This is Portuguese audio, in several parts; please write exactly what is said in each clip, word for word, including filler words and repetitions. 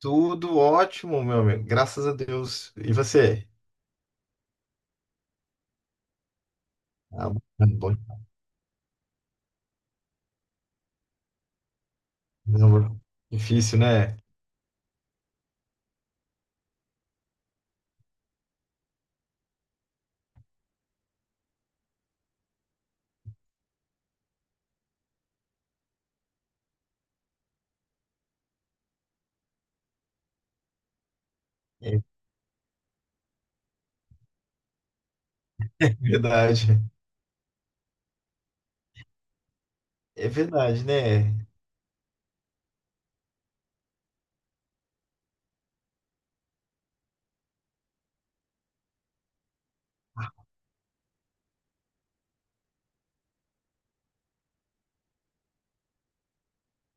Tudo ótimo, meu amigo. Graças a Deus. E você? Ah, bom. Não. Difícil, né? É é verdade. É verdade, né?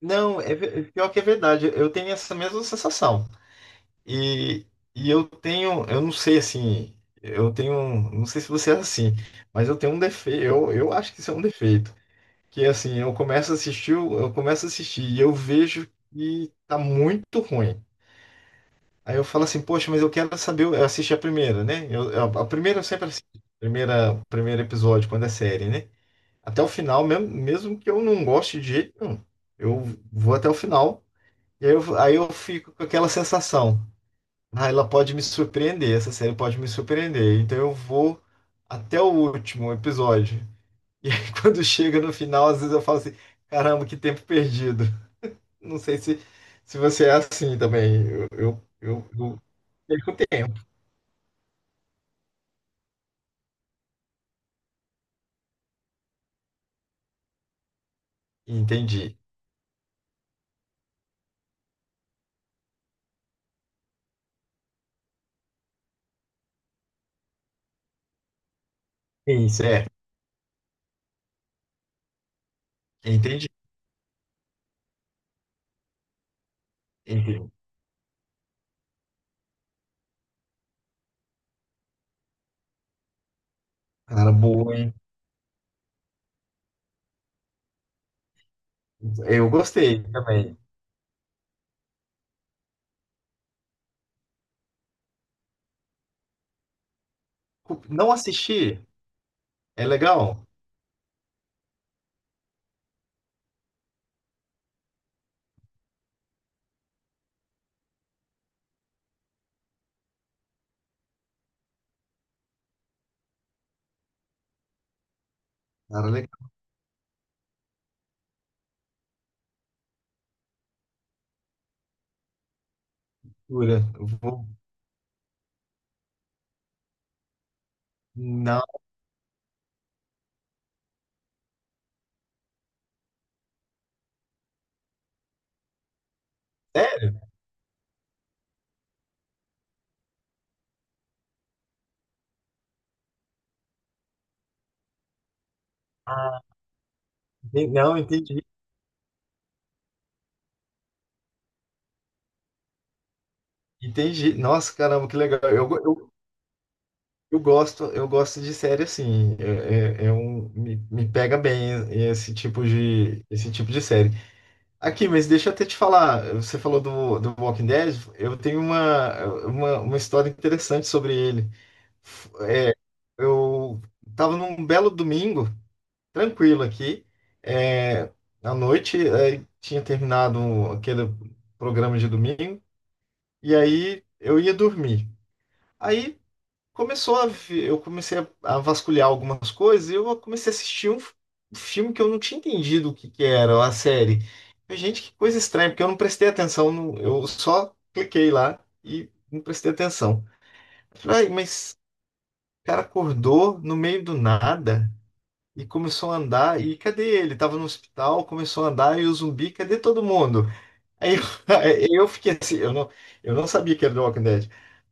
Não, é ve- pior que é verdade. Eu tenho essa mesma sensação. E, e eu tenho, eu não sei assim, eu tenho, um- não sei se você é assim, mas eu tenho um defeito. Eu, eu acho que isso é um defeito. Que assim, eu começo a assistir, o- eu começo a assistir e eu vejo que tá muito ruim. Aí eu falo assim, poxa, mas eu quero saber, eu assisti a primeira, né? Eu, eu- a primeira eu sempre assisto, primeira, primeiro episódio, quando é série, né? Até o final, mesmo, mesmo que eu não goste de jeito nenhum, eu vou até o final, e aí eu, aí eu fico com aquela sensação, ah, ela pode me surpreender, essa série pode me surpreender, então eu vou até o último episódio. E aí quando chega no final, às vezes eu falo assim, caramba, que tempo perdido. Não sei se, se você é assim também, eu, eu, eu, eu perco tempo. Entendi. Isso, é. Entendi. Entendi. Cara, boa, hein? Eu gostei também. Não assisti? É legal? Cara, leitura. Eu vou... Não. É? Ah, en- não, entendi. Entendi. Nossa, caramba, que legal. Eu, go- eu, eu gosto, eu gosto de série assim. É, é- é um, me, me pega bem esse tipo de, esse tipo de série. Aqui, mas deixa eu até te falar. Você falou do, do Walking Dead. Eu tenho uma, uma, uma história interessante sobre ele. Eu tava num belo domingo, tranquilo aqui, é, à noite, aí tinha terminado aquele programa de domingo, e aí eu ia dormir. Aí começou a, vi- eu comecei a, a vasculhar algumas coisas e eu comecei a assistir um, f- um filme que eu não tinha entendido o que que era, a série. Eu, gente, que coisa estranha, porque eu não prestei atenção, no- eu só cliquei lá e não prestei atenção. Eu falei: "Ai, mas o cara acordou no meio do nada, e começou a andar. E cadê ele? Tava no hospital, começou a andar e o zumbi, cadê todo mundo?" Aí eu, aí eu fiquei assim, eu não, eu não sabia que era The Walking Dead.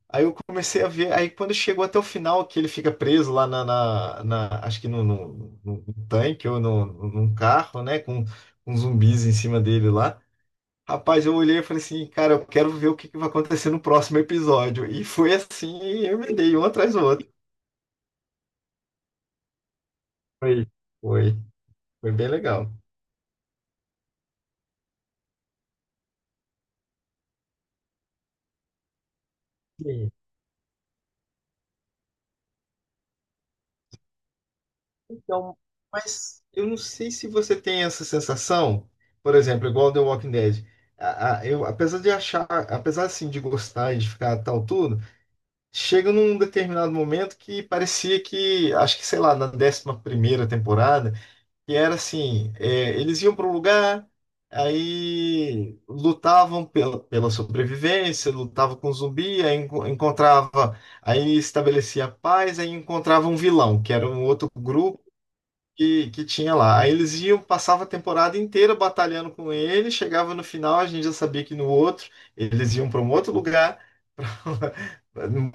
Aí eu comecei a ver, aí quando chegou até o final, que ele fica preso lá na, na, na- acho que no, no, no- no tanque ou no, num carro, né, com, com zumbis em cima dele lá. Rapaz, eu olhei e falei assim, cara, eu quero ver o que que vai acontecer no próximo episódio. E foi assim, eu me dei um atrás do outro. Foi, foi, foi bem legal. Então, mas eu não sei se você tem essa sensação, por exemplo, igual The Walking Dead. A- a- eu, apesar de achar, apesar assim de gostar e de ficar tal tudo, chega num determinado momento que parecia que, acho que sei lá, na décima primeira temporada, que era assim, é, eles iam para um lugar, aí lutavam pela, pela sobrevivência, lutavam com zumbi, aí enco- encontrava, aí estabelecia a paz, aí encontrava um vilão, que era um outro grupo que, que tinha lá. Aí eles iam, passava a temporada inteira batalhando com ele, chegava no final, a gente já sabia que no outro eles iam para um outro lugar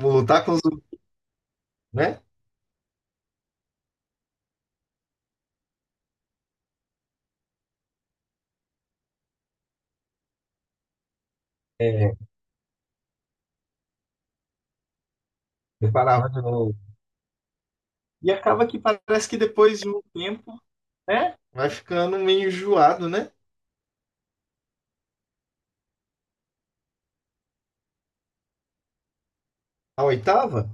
lutar com os, né? É, preparava de novo. E acaba que parece que depois de um tempo, né? Vai ficando meio enjoado, né? A oitava?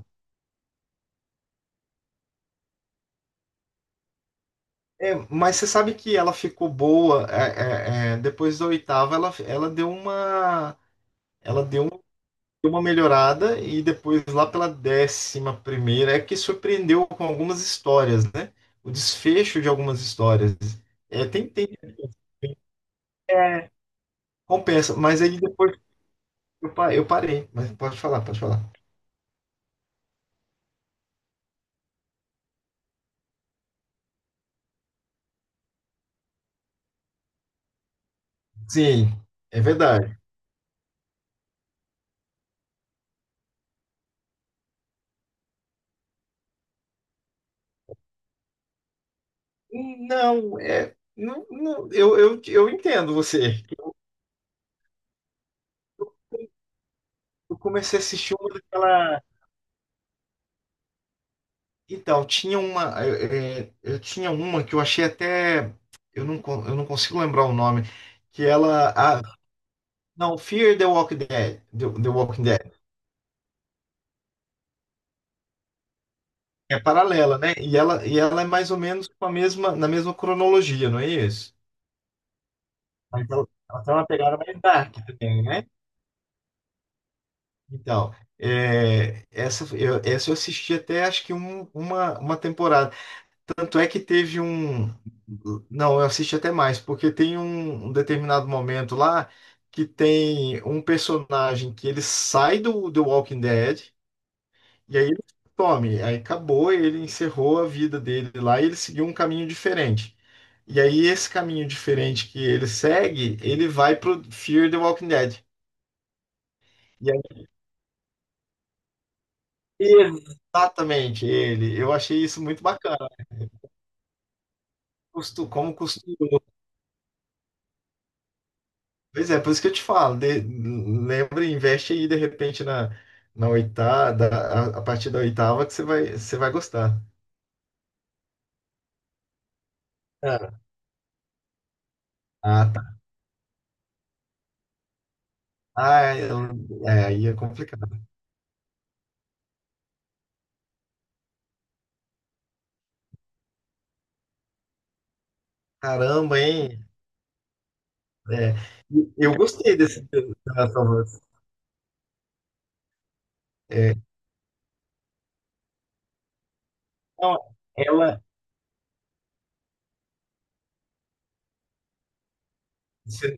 É, mas você sabe que ela ficou boa. é, é, é, depois da oitava, ela, ela deu uma. Ela deu deu uma melhorada e depois lá pela décima primeira é que surpreendeu com algumas histórias, né? O desfecho de algumas histórias. É, tem, tem, é, compensa, mas aí depois eu, pa- eu parei, mas pode falar, pode falar. Sim, é verdade. Não, é, não, não, eu, eu, eu entendo você. Eu comecei a assistir uma daquela. Então, tinha uma, é, é, eu tinha uma que eu achei até, eu não, con- eu não consigo lembrar o nome, que ela... Não, Fear the Walking Dead, The, The Walking Dead é paralela, né? E ela, e ela é mais ou menos com a mesma, na mesma cronologia, não é isso? Mas ela, ela tem uma pegada mais dark também, né? Então, é, essa, eu, essa eu assisti até acho que um- uma, uma temporada. Tanto é que teve um. Não, eu assisti até mais, porque tem um, um determinado momento lá que tem um personagem que ele sai do The Walking Dead. E aí ele some, aí acabou, ele encerrou a vida dele lá e ele seguiu um caminho diferente. E aí esse caminho diferente que ele segue, ele vai pro Fear the Walking Dead. E aí, exatamente ele. Eu achei isso muito bacana. Costu- Como costurou. Pois é, por isso que eu te falo. De- lembra, investe aí de repente na, na oitava, a, a partir da oitava que você vai, você vai gostar. Ah. Ah, tá. Ah, eu- é, aí é complicado. Caramba, hein? É, e eu gostei dessa relação. É, não, ela... se-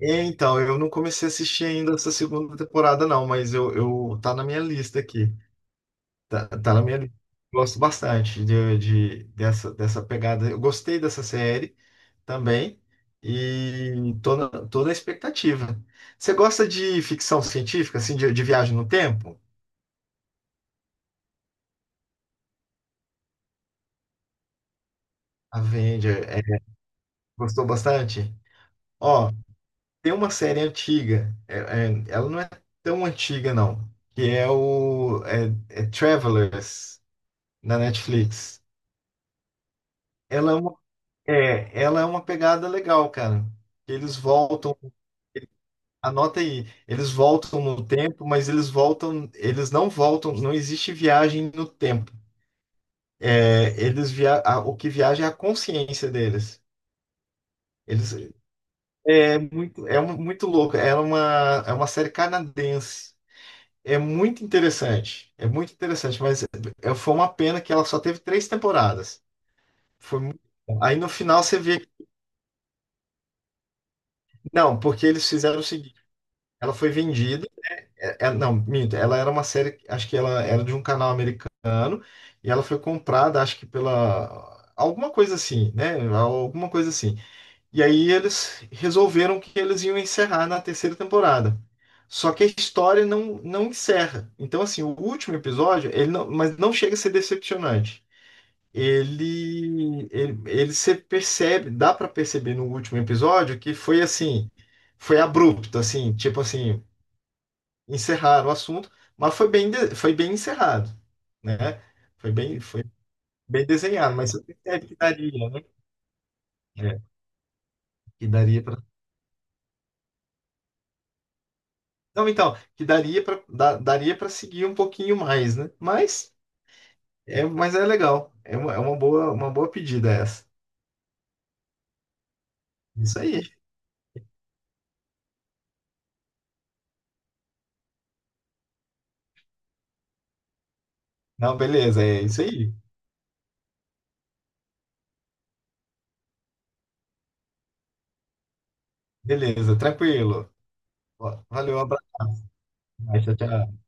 É, então, eu não comecei a assistir ainda essa segunda temporada, não, mas eu, eu tá na minha lista aqui. Tá, tá na minha lista. Gosto bastante de, de- dessa, dessa pegada. Eu gostei dessa série também e tô na, tô na expectativa. Você gosta de ficção científica, assim, de, de viagem no tempo? Avenger, é, gostou bastante? Ó, tem uma série antiga, é- é- ela não é tão antiga, não, que é o é, é Travelers, na Netflix. Ela é uma, é, ela é uma pegada legal, cara. Eles voltam, anota aí, eles voltam no tempo, mas eles voltam, eles não voltam, não existe viagem no tempo. É, eles via, a- o que viaja é a consciência deles. Eles, é muito, é um- muito louco. É uma, é uma série canadense. É muito interessante, é muito interessante, mas é- foi uma pena que ela só teve três temporadas. Foi muito... bom. Aí no final você vê, que... não, porque eles fizeram o seguinte, ela foi vendida, é- é- não, minto, ela era uma série, acho que ela era de um canal americano, e ela foi comprada, acho que pela, alguma coisa assim, né, alguma coisa assim. E aí eles resolveram que eles iam encerrar na terceira temporada. Só que a história não, não encerra. Então, assim, o último episódio, ele não, mas não chega a ser decepcionante. Ele, ele, ele se percebe, dá para perceber no último episódio que foi assim, foi abrupto, assim, tipo assim, encerraram o assunto, mas foi bem, de- foi bem encerrado, né? Foi bem, foi bem desenhado, mas você percebe que daria, né? É, que daria... Não, então, que daria para daria para seguir um pouquinho mais, né? Mas é, mas é legal. É uma, é uma boa, uma boa pedida essa. Isso aí. Não, beleza, é isso aí. Beleza, tranquilo. Ó, valeu, um abraço. Tchau, tchau.